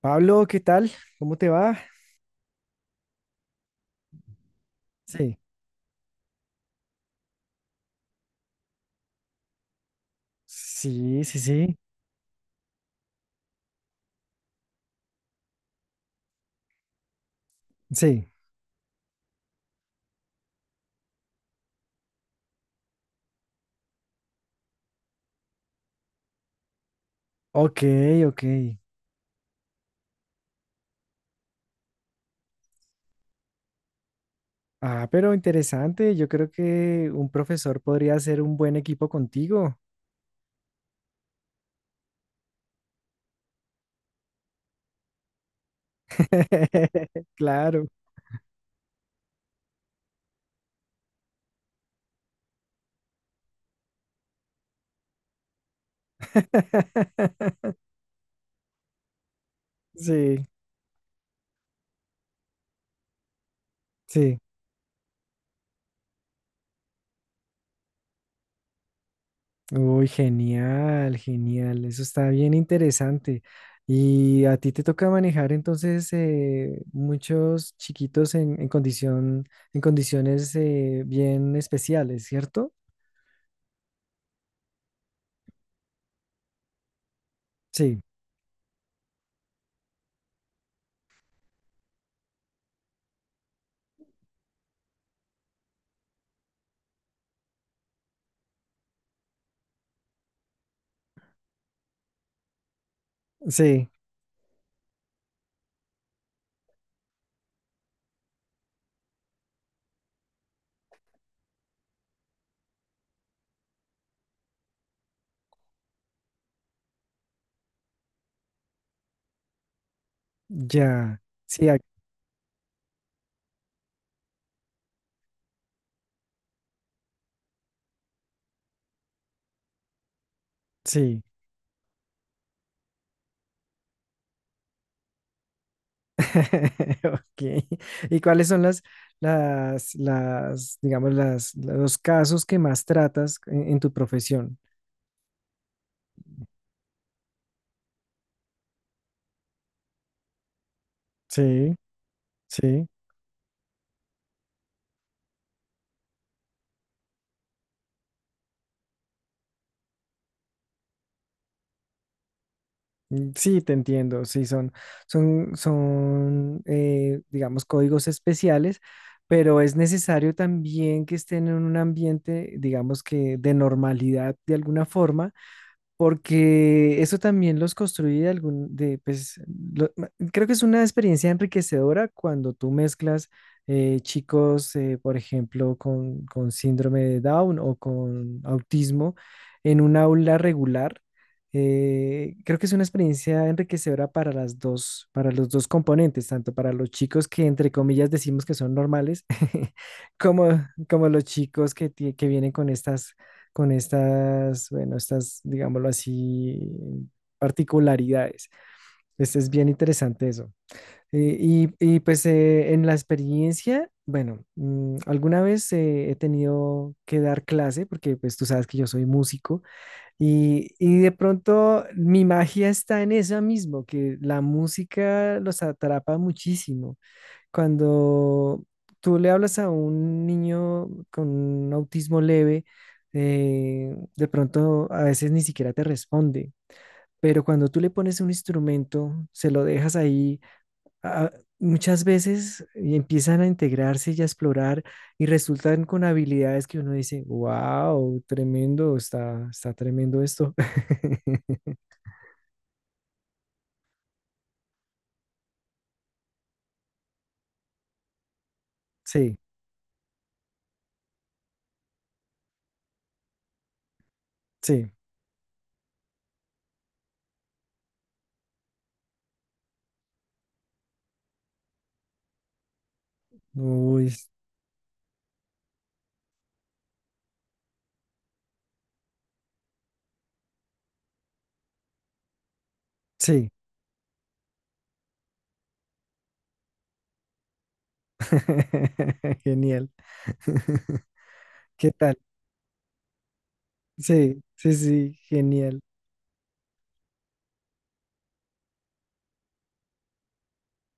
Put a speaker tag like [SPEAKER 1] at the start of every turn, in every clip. [SPEAKER 1] Pablo, ¿qué tal? ¿Cómo te va? Sí, sí, sí, sí, sí. Ok, ok. Ah, pero interesante. Yo creo que un profesor podría hacer un buen equipo contigo. Claro. Sí, sí. Uy, genial, genial. Eso está bien interesante. Y a ti te toca manejar entonces muchos chiquitos en condición, en condiciones bien especiales, ¿cierto? Sí. Sí, ya. Sí, sí. Ok. ¿Y cuáles son las, digamos, las, los casos que más tratas en tu profesión? Sí, sí. Mm, sí, te entiendo. Sí, son, digamos, códigos especiales, pero es necesario también que estén en un ambiente, digamos que de normalidad de alguna forma. Porque eso también los construye pues, creo que es una experiencia enriquecedora cuando tú mezclas chicos, por ejemplo, con síndrome de Down o con autismo en un aula regular. Creo que es una experiencia enriquecedora para las dos, para los dos componentes, tanto para los chicos que entre comillas decimos que son normales, como, como los chicos que vienen con estas, bueno, estas, digámoslo así, particularidades. Pues es bien interesante eso. Y, pues, en la experiencia, bueno, alguna vez he tenido que dar clase porque pues tú sabes que yo soy músico y de pronto mi magia está en eso mismo, que la música los atrapa muchísimo cuando tú le hablas a un niño con autismo leve, de pronto a veces ni siquiera te responde, pero cuando tú le pones un instrumento, se lo dejas ahí, a- muchas veces y empiezan a integrarse y a explorar y resultan con habilidades que uno dice, wow, tremendo, está tremendo esto. Sí, sí, uy, sí, genial. ¿Qué tal? Sí, sí, sí, genial.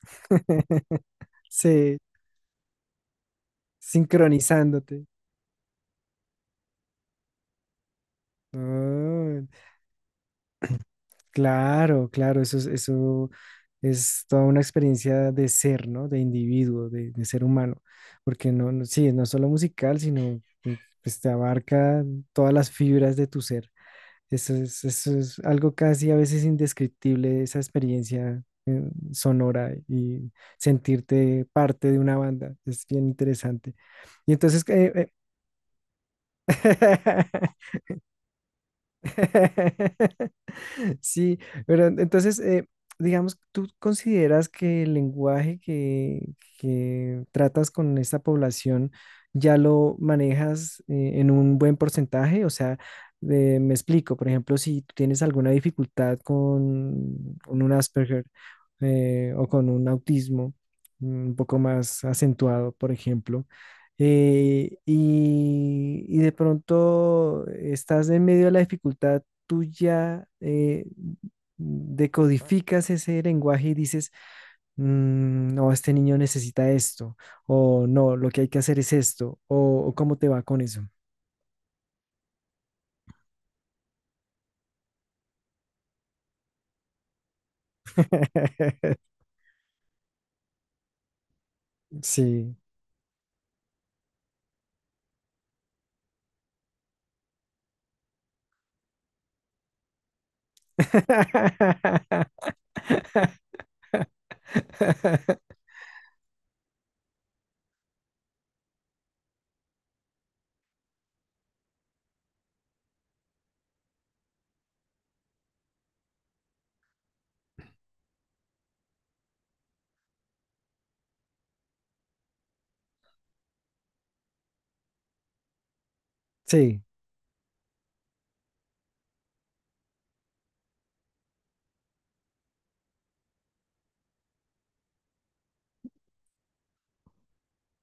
[SPEAKER 1] Sí, sincronizándote. Ah, claro, claro, eso es toda una experiencia de ser, ¿no? De individuo, de ser humano, porque no, sí, no es solo musical, sino que, pues, te abarca todas las fibras de tu ser. Eso es algo casi a veces indescriptible, esa experiencia sonora y sentirte parte de una banda. Es bien interesante. Y entonces, sí, pero entonces, digamos, ¿tú consideras que el lenguaje que tratas con esta población ya lo manejas en un buen porcentaje? O sea, me explico, por ejemplo, si tú tienes alguna dificultad con un Asperger o con un autismo un poco más acentuado, por ejemplo, y de pronto estás en medio de la dificultad tú ya decodificas ese lenguaje y dices, "Mm, no, este niño necesita esto, o no, lo que hay que hacer es esto, o cómo te va con eso. Sí. Sí.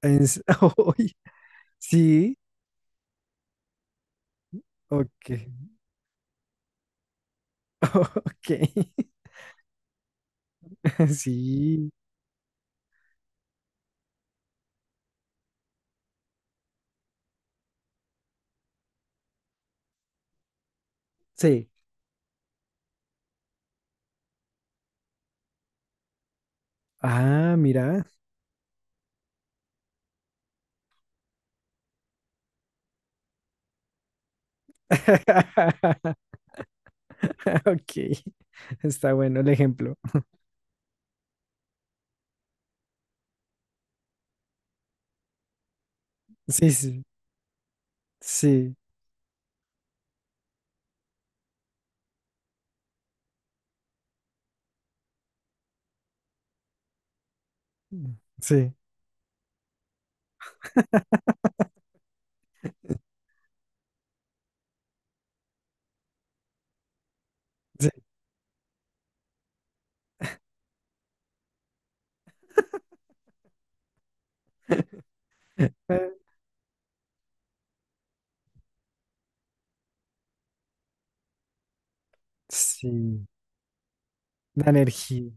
[SPEAKER 1] En s- Uy, sí. Ok. Ok. Sí. Sí. Ah, mira. Ok. Está bueno el ejemplo. Sí, sí. Sí. Sí. Sí. Eh, sí, la energía.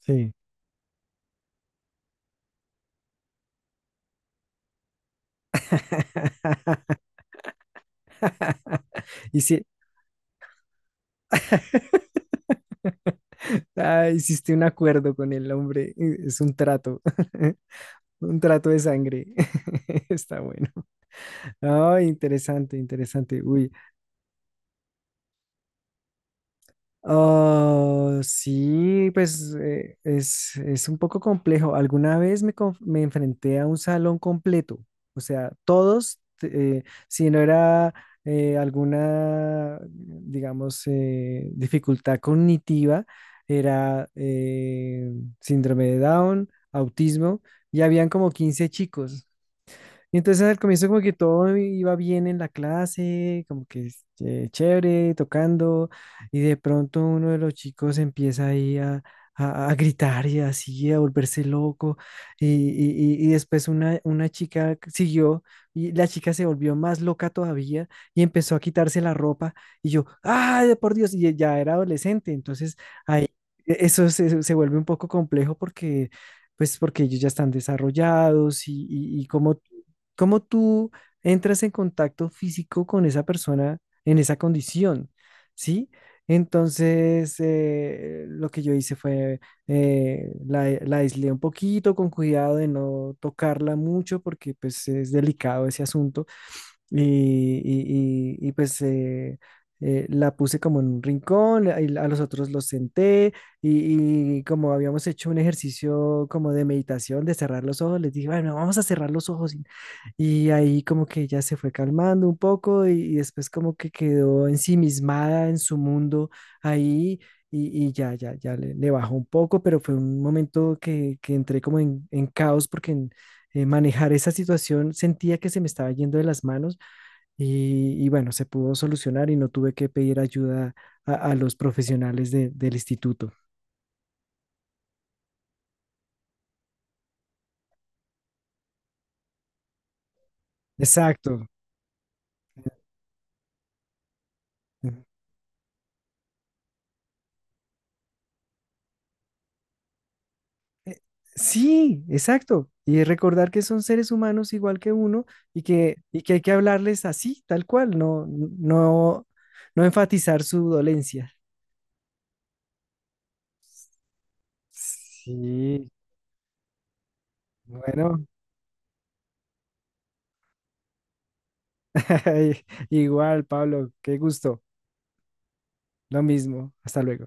[SPEAKER 1] Sí. Y si ah, hiciste un acuerdo con el hombre, es un trato, un trato de sangre. Está bueno. Ay, interesante, interesante. Uy, oh, sí, pues, es un poco complejo. Alguna vez me enfrenté a un salón completo, o sea, todos, si no era alguna, digamos, dificultad cognitiva, era síndrome de Down, autismo, y habían como 15 chicos. Y entonces al comienzo como que todo iba bien en la clase, como que chévere, tocando, y de pronto uno de los chicos empieza ahí a, a gritar y así, a volverse loco, y después una chica siguió, y la chica se volvió más loca todavía, y empezó a quitarse la ropa, y yo, ¡ay, por Dios! Y ya era adolescente, entonces ahí eso se vuelve un poco complejo porque pues porque ellos ya están desarrollados y cómo. ¿Cómo tú entras en contacto físico con esa persona en esa condición? ¿Sí? Entonces, lo que yo hice fue, la aislé un poquito con cuidado de no tocarla mucho porque pues es delicado ese asunto y, y, pues, la puse como en un rincón, y a los otros los senté y como habíamos hecho un ejercicio como de meditación, de cerrar los ojos, les dije, bueno, vamos a cerrar los ojos y ahí como que ella se fue calmando un poco y después como que quedó ensimismada en su mundo ahí y ya le bajó un poco, pero fue un momento que entré como en caos porque manejar esa situación sentía que se me estaba yendo de las manos y bueno, se pudo solucionar y no tuve que pedir ayuda a los profesionales del instituto. Exacto. Sí, exacto. Y recordar que son seres humanos igual que uno y que hay que hablarles así, tal cual, no, no, no enfatizar su dolencia. Sí, bueno, igual, Pablo, qué gusto. Lo mismo. Hasta luego.